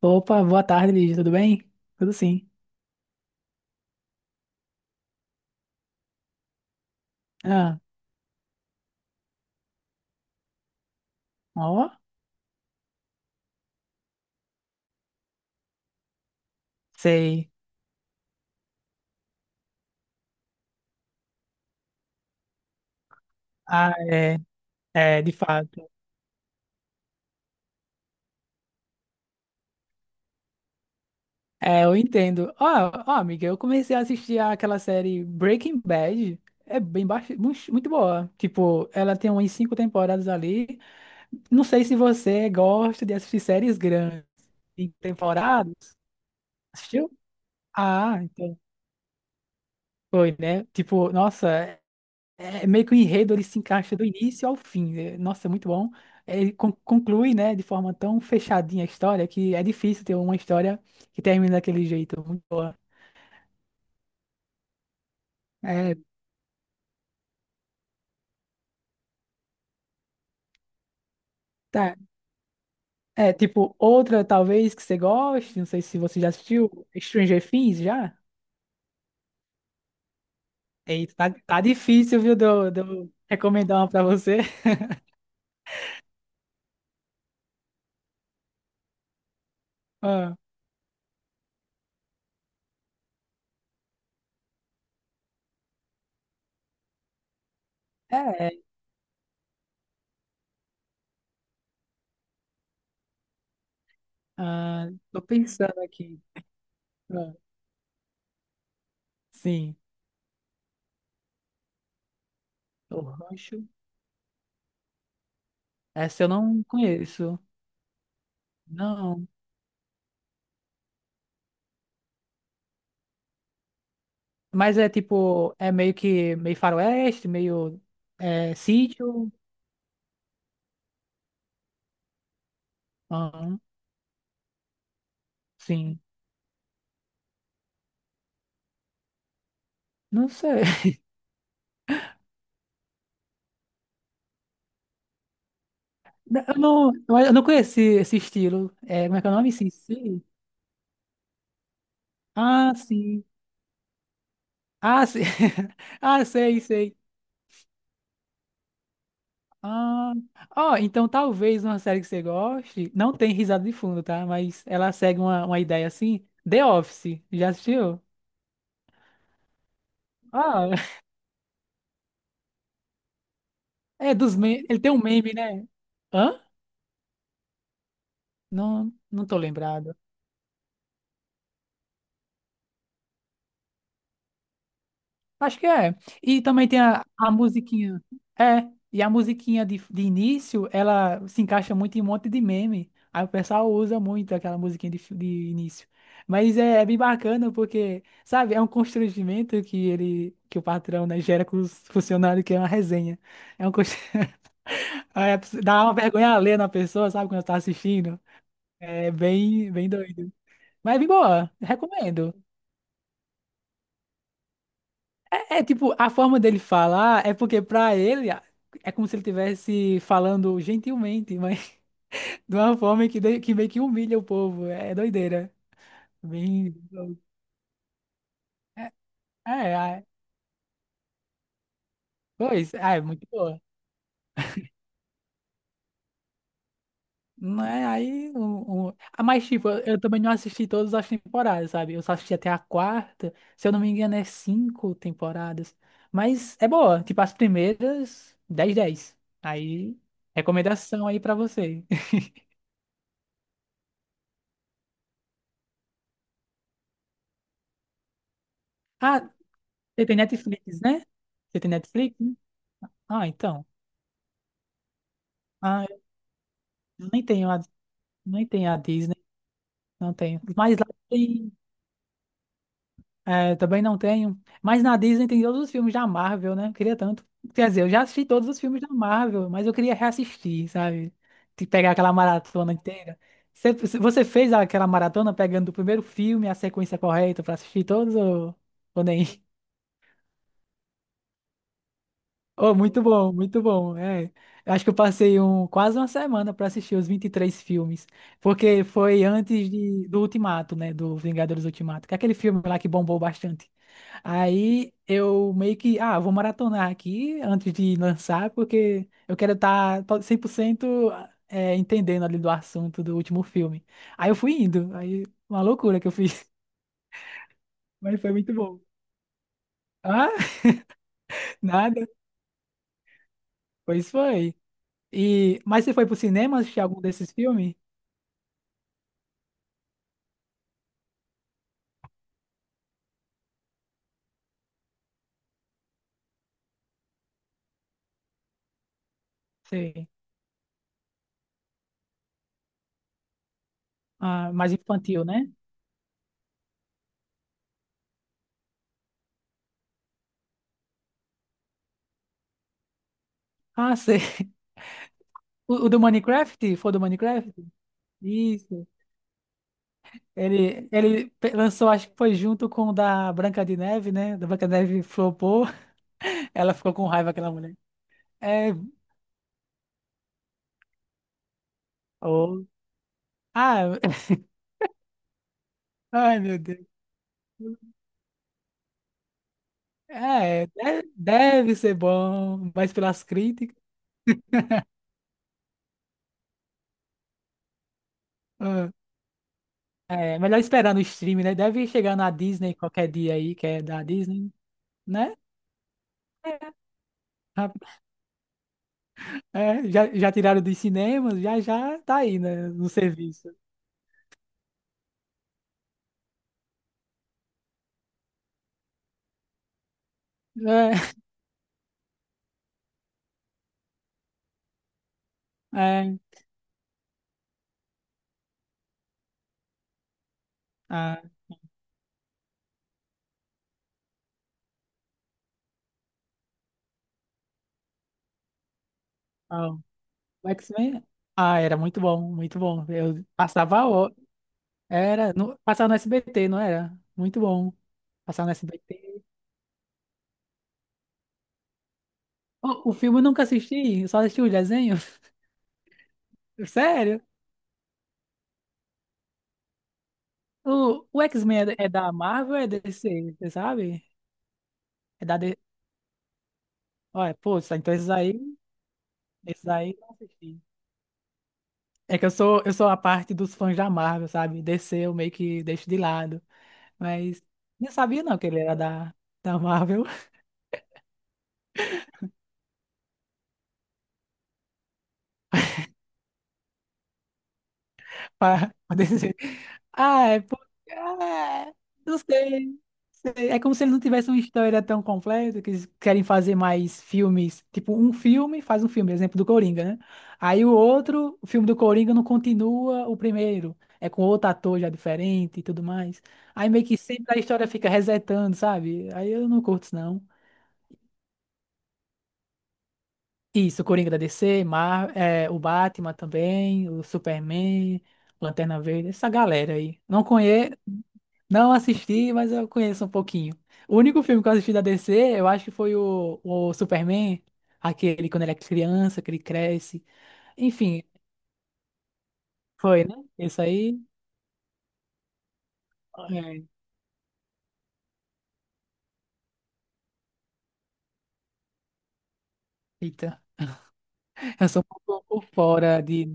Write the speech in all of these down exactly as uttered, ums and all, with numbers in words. Opa, boa tarde, Lígia, tudo bem? Tudo sim. Ah, ó, sei. Ah, é, é, de fato. É, eu entendo. Ó, ó, amiga, eu comecei a assistir aquela série Breaking Bad. É bem baixo, mu- muito boa. Tipo, ela tem umas cinco temporadas ali. Não sei se você gosta de assistir séries grandes em temporadas. Assistiu? Ah, então foi, né? Tipo, nossa, é meio que o enredo ele se encaixa do início ao fim. É, nossa, é muito bom. É, Ele con- conclui, né, de forma tão fechadinha a história que é difícil ter uma história que termina daquele jeito. É muito boa. É, tá. É, tipo, outra talvez que você goste, não sei se você já assistiu, Stranger Things, já? Eita, tá, tá difícil, viu, de eu de eu recomendar uma pra você. Ah, é, ah, tô pensando aqui. Ah, sim, o Rancho. Essa eu não conheço. Não. Mas é tipo, é meio que meio faroeste, meio é, sítio. Aham, sim. Não sei. Eu não, eu não conheci esse estilo. É, como é que é o nome? Sissi? Ah, sim. Ah, sim. Ah, sei, sei. Ah, ó, então talvez uma série que você goste, não tem risada de fundo, tá? Mas ela segue uma, uma ideia assim. The Office, já assistiu? Ah, é dos memes. Ele tem um meme, né? Hã? Não, não tô lembrado. Acho que é. E também tem a, a musiquinha. É, e a musiquinha de, de início, ela se encaixa muito em um monte de meme. Aí o pessoal usa muito aquela musiquinha de, fi- de início. Mas é, é bem bacana porque, sabe, é um constrangimento que ele, que o patrão, né, gera com os funcionários, que é uma resenha. É um constrangimento. Dá uma vergonha alheia na pessoa, sabe, quando tá assistindo. É bem, bem doido. Mas é bem boa, recomendo. É tipo, a forma dele falar é porque pra ele a- é como se ele estivesse falando gentilmente, mas de uma forma que, dei- que meio que humilha o povo. É é doideira. Bem. É, é, pois, é, é muito boa. Não é aí. Um, um... Ah, mas, tipo, eu, eu também não assisti todas as temporadas, sabe? Eu só assisti até a quarta. Se eu não me engano, é cinco temporadas. Mas é boa. Tipo, as primeiras, dez, dez. Aí, recomendação aí pra você. Você tem Netflix, né? Você tem Netflix? Né? Ah, então. Ah, eu nem tenho a, nem tenho a Disney, não tenho. Mas lá tem, é, também não tenho. Mas na Disney tem todos os filmes da Marvel, né? Eu queria tanto. Quer dizer, eu já assisti todos os filmes da Marvel, mas eu queria reassistir, sabe? De pegar aquela maratona inteira. Você, você fez aquela maratona pegando o primeiro filme, a sequência correta pra assistir todos ou, ou nem? Oh, muito bom, muito bom. É, eu acho que eu passei um, quase uma semana para assistir os vinte e três filmes, porque foi antes de, do Ultimato, né, do Vingadores Ultimato, que é aquele filme lá que bombou bastante. Aí eu meio que, ah, vou maratonar aqui antes de lançar, porque eu quero estar cem por cento é, entendendo ali do assunto do último filme. Aí eu fui indo, aí uma loucura que eu fiz, mas foi muito bom. Ah, nada, pois foi. E, mas você foi pro cinema assistir algum desses filmes? Sei. Ah, mais infantil, né? Ah, sei. O, o do Minecraft? Foi do Minecraft? Isso. Ele, ele pe- lançou, acho que foi junto com o da Branca de Neve, né? Da Branca de Neve flopou. Ela ficou com raiva, aquela mulher. É. Oh. Ah, ai, meu Deus. É, de- deve ser bom, mas pelas críticas. Ah, é melhor esperar no stream, né? Deve chegar na Disney qualquer dia aí, que é da Disney, né? É, é, já, já tiraram dos cinemas, já já tá aí, né, no serviço. É, é, ah, ah, o X-Men, ah, era muito bom, muito bom. Eu passava, ho- era, no, passava no S B T, não era? Muito bom, passava no S B T. O, o filme eu nunca assisti, eu só assisti o desenho, sério. O, o X-Men é, da- é da Marvel ou é D C, você sabe? É da... D- C. Olha, pô, então esses aí, esses aí eu não assisti. É que eu sou, eu sou a parte dos fãs da Marvel, sabe? D C eu meio que deixo de lado. Mas não sabia não que ele era da, da Marvel para dizer. Ah, é porque. Ah, é, não sei. Sei. É como se ele não tivesse uma história tão completa, que eles querem fazer mais filmes. Tipo, um filme faz um filme, exemplo do Coringa, né? Aí o outro, o filme do Coringa não continua o primeiro. É com outro ator já diferente e tudo mais. Aí meio que sempre a história fica resetando, sabe? Aí eu não curto isso, não. Isso, o Coringa da D C, Mar é, o Batman também, o Superman, Lanterna Verde, essa galera aí. Não conheço, não assisti, mas eu conheço um pouquinho. O único filme que eu assisti da D C, eu acho que foi o, o Superman, aquele quando ele é criança, que ele cresce. Enfim, foi, né? Esse aí. É, eita, eu sou um pouco por fora de.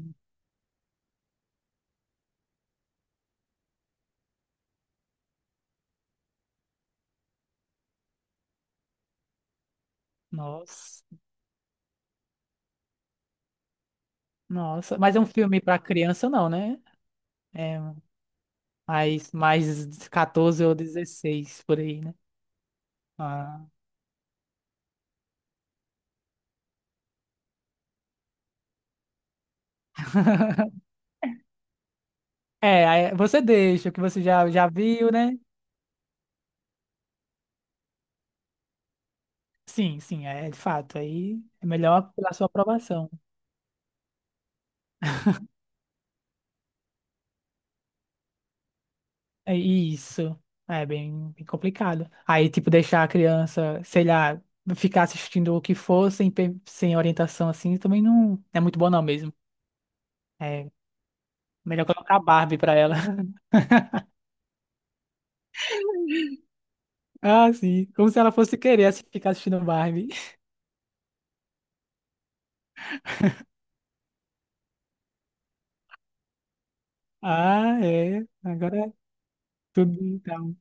Nossa, nossa. Mas é um filme pra criança, não, né? É mais, mais catorze ou dezesseis por aí, né? Ah. É, aí você deixa o que você já, já viu, né? Sim, sim, é de fato. Aí é melhor pela sua aprovação. É isso. É bem, bem complicado. Aí, tipo, deixar a criança, sei lá, ficar assistindo o que for sem, pe- sem orientação assim, também não é muito bom não mesmo. É melhor colocar a Barbie pra ela. Ah, sim. Como se ela fosse querer assi- ficar assistindo Barbie. Ah, é. Agora é tudo então.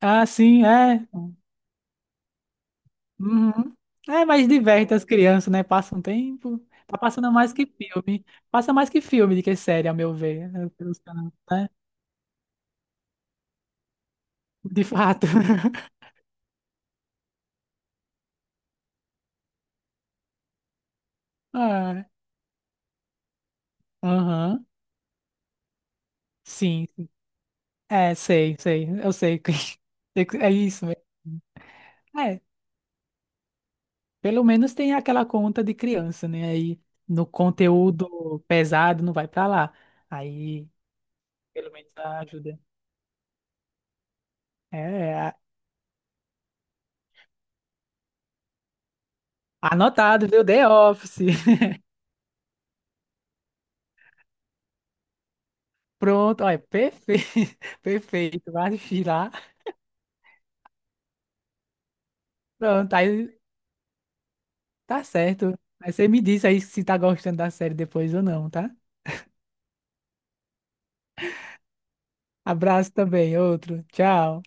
Ah, sim, é. Uhum. É, mas diverte as crianças, né? Passa um tempo. Tá passando mais que filme. Passa mais que filme do que série, a meu ver, né, pelos canais, né? De fato. Ah, aham. Sim, sim. É, sei, sei. Eu sei. Que- sei que- É isso mesmo. É, pelo menos tem aquela conta de criança, né? Aí no conteúdo pesado não vai pra lá. Aí, pelo menos ajuda. É, a- anotado, viu? The Office. Pronto, olha, perfeito, perfeito, vai assistir. Pronto, aí tá certo. Aí você me diz aí se tá gostando da série depois ou não, tá? Abraço também, outro. Tchau.